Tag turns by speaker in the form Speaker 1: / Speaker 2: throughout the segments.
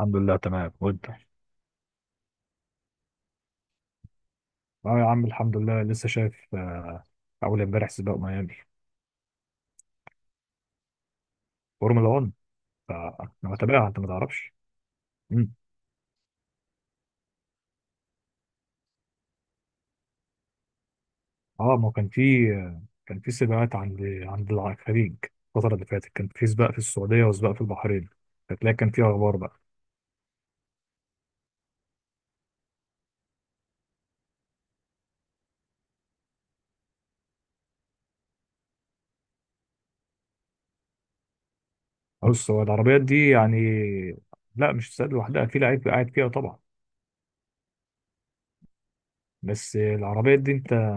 Speaker 1: الحمد لله تمام وانت. اه، يا عم، الحمد لله لسه شايف اول امبارح سباق ميامي، فورمولا 1. فانا بتابعها، انت ما تعرفش. مم. اه ما كان في كان في سباقات عند الخليج، الفتره اللي فاتت كان في سباق في السعوديه وسباق في البحرين، فتلاقي كان في اخبار بقى. بص، هو العربيات دي يعني لا، مش سباق لوحدها، في لعيب قاعد فيها طبعا. بس العربيات دي انت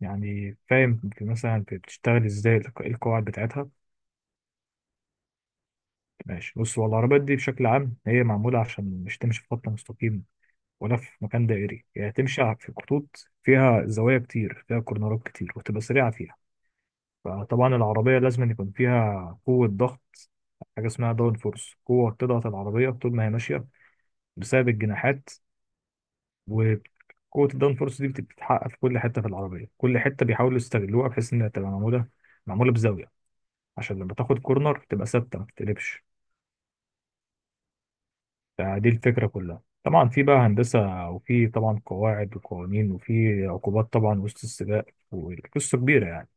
Speaker 1: يعني فاهم في مثلا بتشتغل ازاي، القواعد بتاعتها؟ ماشي، بص، هو العربيات دي بشكل عام هي معمولة عشان مش تمشي في خط مستقيم ولا في مكان دائري، هي تمشي في خطوط فيها زوايا كتير، فيها كورنرات كتير، وتبقى سريعة فيها. فطبعا العربية لازم يكون فيها قوة ضغط، حاجة اسمها داون فورس، قوة بتضغط العربية طول ما هي ماشية، بسبب الجناحات. وقوة الداون فورس دي بتتحقق في كل حتة في العربية، كل حتة بيحاولوا يستغلوها بحيث إنها تبقى معمولة بزاوية، عشان لما تاخد كورنر تبقى ثابتة ما تتقلبش. فدي الفكرة كلها. طبعا في بقى هندسة، وفي طبعا قواعد وقوانين، وفي عقوبات طبعا وسط السباق، والقصة كبيرة يعني.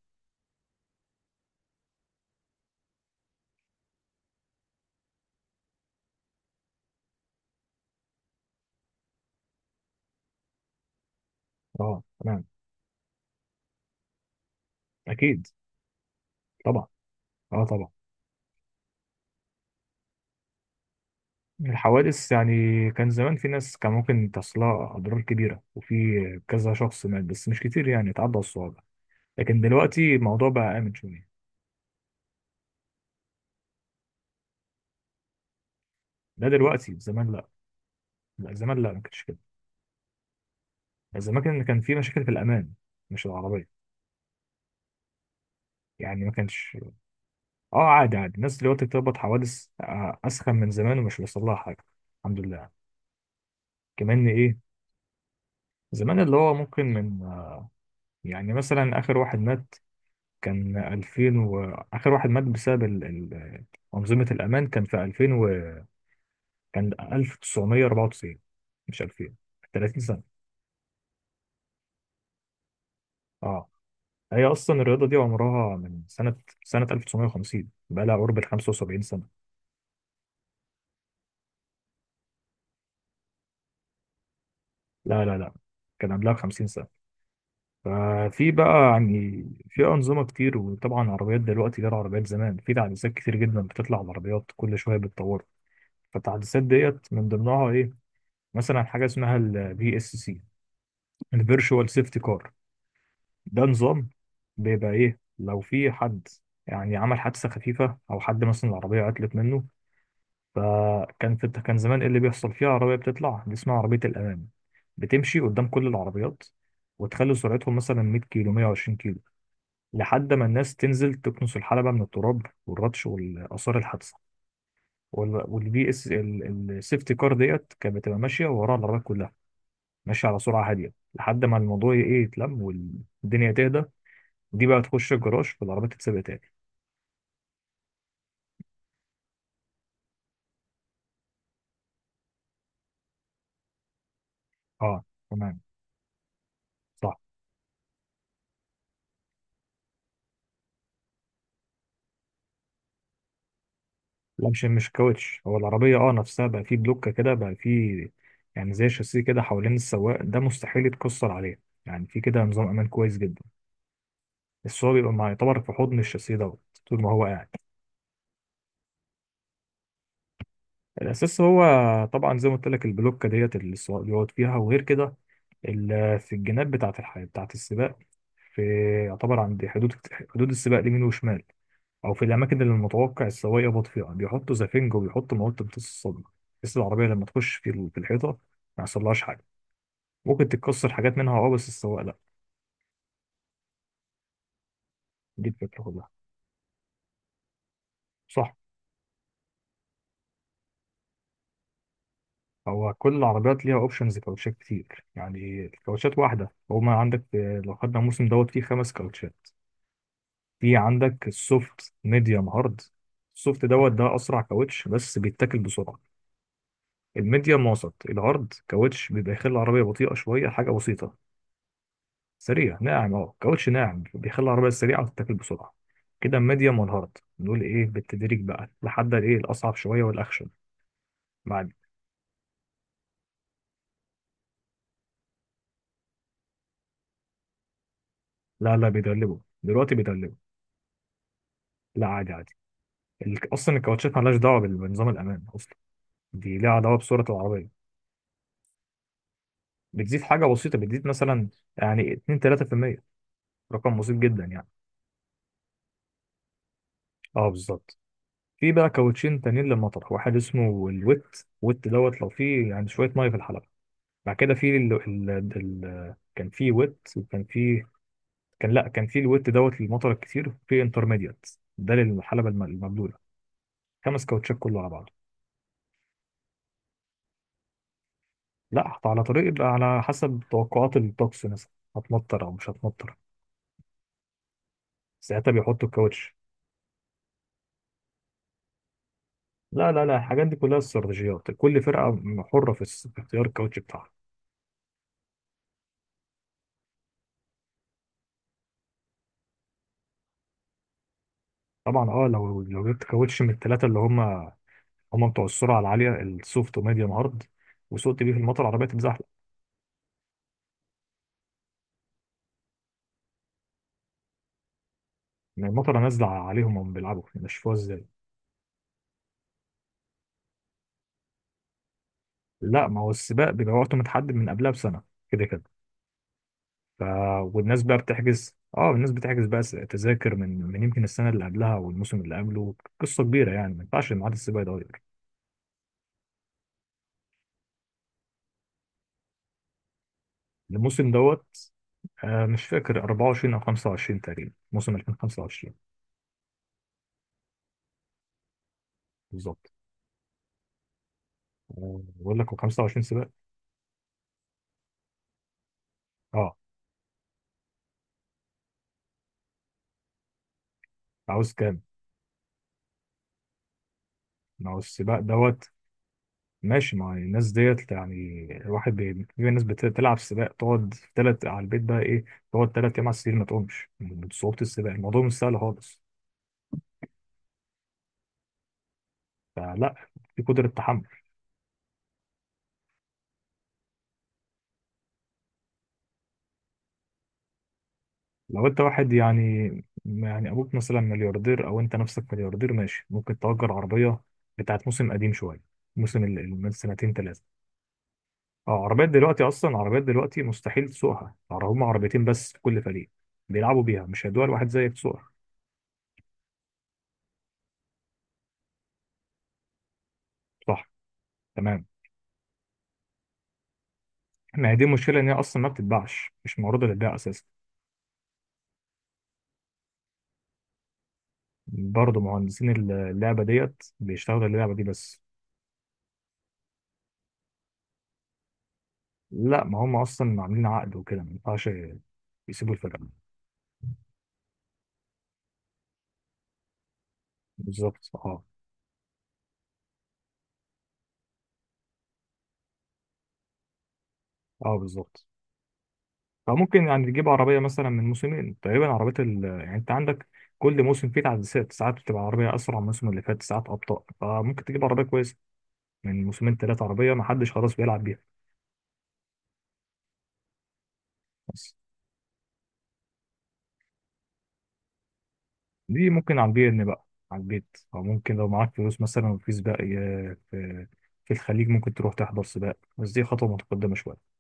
Speaker 1: اه تمام، أكيد، طبعا، اه طبعا. الحوادث يعني كان زمان في ناس كان ممكن تصلها أضرار كبيرة، وفي كذا شخص مات، بس مش كتير، يعني اتعدى الصعوبة. لكن دلوقتي الموضوع بقى آمن شوية. ده دلوقتي، زمان لا، لا زمان لا، ما كانش كده. زمان كان في مشاكل في الأمان، مش العربية. يعني ما كانش، اه عادي عادي، الناس دلوقتي بتربط حوادث اسخن من زمان ومش بيحصل لها حاجه، الحمد لله. كمان ايه، زمان اللي هو ممكن من آه، يعني مثلا اخر واحد مات كان 2000، واخر واحد مات بسبب انظمه الامان كان في 2000، وكان 1994 مش 2000، 30 سنه. اه، هي اصلا الرياضه دي عمرها من سنه 1950، بقى لها قرب ال 75 سنه. لا لا لا، كان قبلها 50 سنه. ففي بقى يعني في أنظمة كتير، وطبعا عربيات دلوقتي غير عربيات زمان، في تحديثات كتير جدا بتطلع على العربيات كل شوية، بتطور. فالتحديثات ديت من ضمنها إيه، مثلا حاجة اسمها الفي اس سي، الفيرتشوال سيفتي كار. ده نظام بيبقى إيه، لو في حد يعني عمل حادثة خفيفة أو حد مثلا العربية عطلت منه. فكان في، كان زمان إيه اللي بيحصل فيها، عربية بتطلع دي اسمها عربية الأمان، بتمشي قدام كل العربيات وتخلي سرعتهم مثلا 100 كيلو، 120 كيلو، لحد ما الناس تنزل تكنس الحلبة من التراب والردش والآثار الحادثة. والبي اس السيفتي كار ديت كانت بتبقى ماشية وراها العربيات كلها، ماشية على سرعة هادية لحد ما الموضوع ي- ايه يتلم والدنيا تهدى، دي بقى تخش الجراج والعربية تتسابق تاني. اه تمام، صح. لا، مش كاوتش، هو العربية اه نفسها بقى فيه بلوكة كده بقى فيه، يعني زي شاسيه كده حوالين السواق، ده مستحيل يتكسر عليه. يعني في كده نظام امان كويس جدا، بس هو بيبقى يعتبر في حضن الشاسيه دوت طول ما هو قاعد. الاساس هو طبعا زي ما قلت لك، البلوكه ديت اللي السواق بيقعد فيها، وغير كده في الجناب بتاعه الحياه بتاعه السباق، في، يعتبر عند حدود السباق اليمين وشمال، او في الاماكن اللي المتوقع السواق يخبط فيها بيحطوا زفنج وبيحطوا مواد تمتص الصدمه، بحيث العربيه لما تخش في في الحيطه ما يحصلهاش حاجه. ممكن تتكسر حاجات منها اه، بس السواق لا. دي الفكره كلها. صح، هو كل العربيات ليها اوبشنز كاوتشات كتير، يعني الكاوتشات واحده هو ما عندك لو خدنا الموسم دوت فيه خمس كاوتشات. في عندك السوفت، ميديوم، هارد. السوفت دوت ده اسرع كاوتش بس بيتاكل بسرعه. الميديوم وسط. الهارد كاوتش بيبقى يخلي العربيه بطيئه شويه حاجه بسيطه. سريع ناعم، اه كاوتش ناعم بيخلي العربيه سريعه وتتاكل بسرعه. كده الميديوم والهارد نقول ايه، بالتدريج بقى لحد الايه الاصعب شويه والاخشن. بعد، لا لا، بيدربوا دلوقتي. لا عادي عادي، اصلا الكاوتشات مالهاش دعوه بنظام الامان اصلا، دي ليها دعوه بسرعه العربيه. بتزيد حاجه بسيطه، بتزيد مثلا يعني 2 3%، رقم بسيط جدا يعني. اه بالظبط. في بقى كاوتشين تانيين للمطر، واحد اسمه الويت. ويت دوت لو فيه يعني شويه ميه في الحلبه. بعد كده في كان في ويت، وكان في، كان لا، كان في الويت دوت للمطر الكتير، في انترميديات ده للحلبه المبلوله. خمس كاوتشات كله على بعضه. لا، حط على طريق يبقى على حسب توقعات الطقس مثلا، هتمطر او مش هتمطر ساعتها بيحطوا الكاوتش. لا لا لا، الحاجات دي كلها استراتيجيات، كل فرقه حره في في اختيار الكاوتش بتاعها. طبعا اه، لو جبت كاوتش من الثلاثه اللي هم، هم بتوع السرعه العاليه السوفت وميديوم هارد، وسقت بيه في المطر العربيه تتزحلق. يعني المطره نازله عليهم وهم بيلعبوا، نشفوها ازاي؟ لا، ما هو السباق بيبقى وقته متحدد من قبلها بسنه، كده كده. ف، والناس بقى بتحجز، اه الناس بتحجز بقى تذاكر من يمكن السنه اللي قبلها والموسم اللي قبله، قصه كبيره يعني ما ينفعش ميعاد السباق يتغير. الموسم دوت آه مش فاكر، 24 او 25 تقريبا، موسم 2025 بالظبط. بقول لك هو 25 سباق. اه، عاوز كام؟ ما هو السباق دوت ماشي، ما هو الناس ديت يعني الواحد في ناس بتلعب سباق تقعد في تلات على البيت بقى ايه، تقعد تلات ايام على السرير ما تقومش من صعوبة السباق، الموضوع مش سهل خالص. فلا، في قدرة تحمل. لو انت واحد يعني، يعني ابوك مثلا ملياردير او انت نفسك ملياردير، ماشي ممكن تأجر عربية بتاعت موسم قديم شوية، موسم من سنتين ثلاثة. اه، عربيات دلوقتي اصلا، عربيات دلوقتي مستحيل تسوقها، يعني هم عربيتين بس في كل فريق بيلعبوا بيها، مش هيدوها لواحد زيك تسوقها. صح، تمام. ما هي دي المشكله، ان هي اصلا ما بتتباعش، مش معروضه للبيع اساسا. برضه مهندسين اللعبه ديت بيشتغلوا اللعبه دي بس. لا ما هم اصلا عاملين عقد وكده، ما ينفعش يسيبوا الفرقه. بالظبط اه. اه بالظبط. فممكن يعني تجيب عربيه مثلا من موسمين تقريبا، عربيه يعني انت عندك كل موسم فيه تعديلات، ساعات بتبقى عربيه اسرع من الموسم اللي فات، ساعات ابطا، فممكن تجيب عربيه كويسه من موسمين ثلاثه، عربيه ما حدش خلاص بيلعب بيها. بس دي ممكن على البي ان بقى، على البيت. او ممكن لو معاك فلوس مثلا، وفي سباق في في الخليج، ممكن تروح تحضر سباق، بس دي خطوه متقدمه شويه.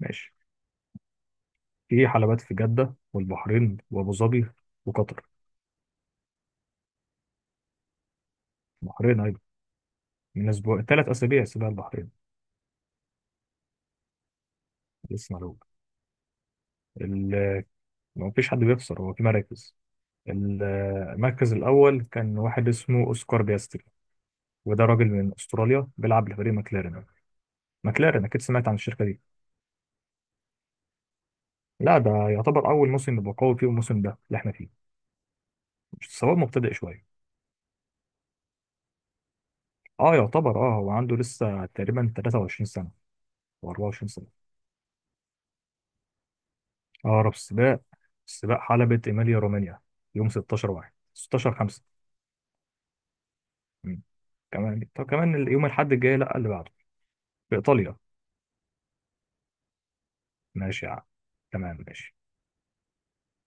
Speaker 1: ماشي، في حلبات في جده والبحرين وابو ظبي وقطر. البحرين ايضا. من اسبوع ثلاث اسابيع سباق البحرين. لسه معلوم. ال- ما فيش حد بيخسر، هو في مراكز. ال- المركز الاول كان واحد اسمه اوسكار بياستري، وده راجل من استراليا بيلعب لفريق ماكلارين. ماكلارين اكيد سمعت عن الشركه دي. لا، ده يعتبر اول موسم يبقى قوي فيه، الموسم ده اللي احنا فيه، سواء مبتدئ شويه. اه يعتبر، اه هو عنده لسه تقريبا 23 سنه او 24 سنه. اقرب سباق، سباق حلبة ايميليا رومانيا، يوم 16، واحد 16 5. كمان، طب كمان يوم الاحد الجاي، لا اللي بعده، في ايطاليا. ماشي يا عم، تمام ماشي.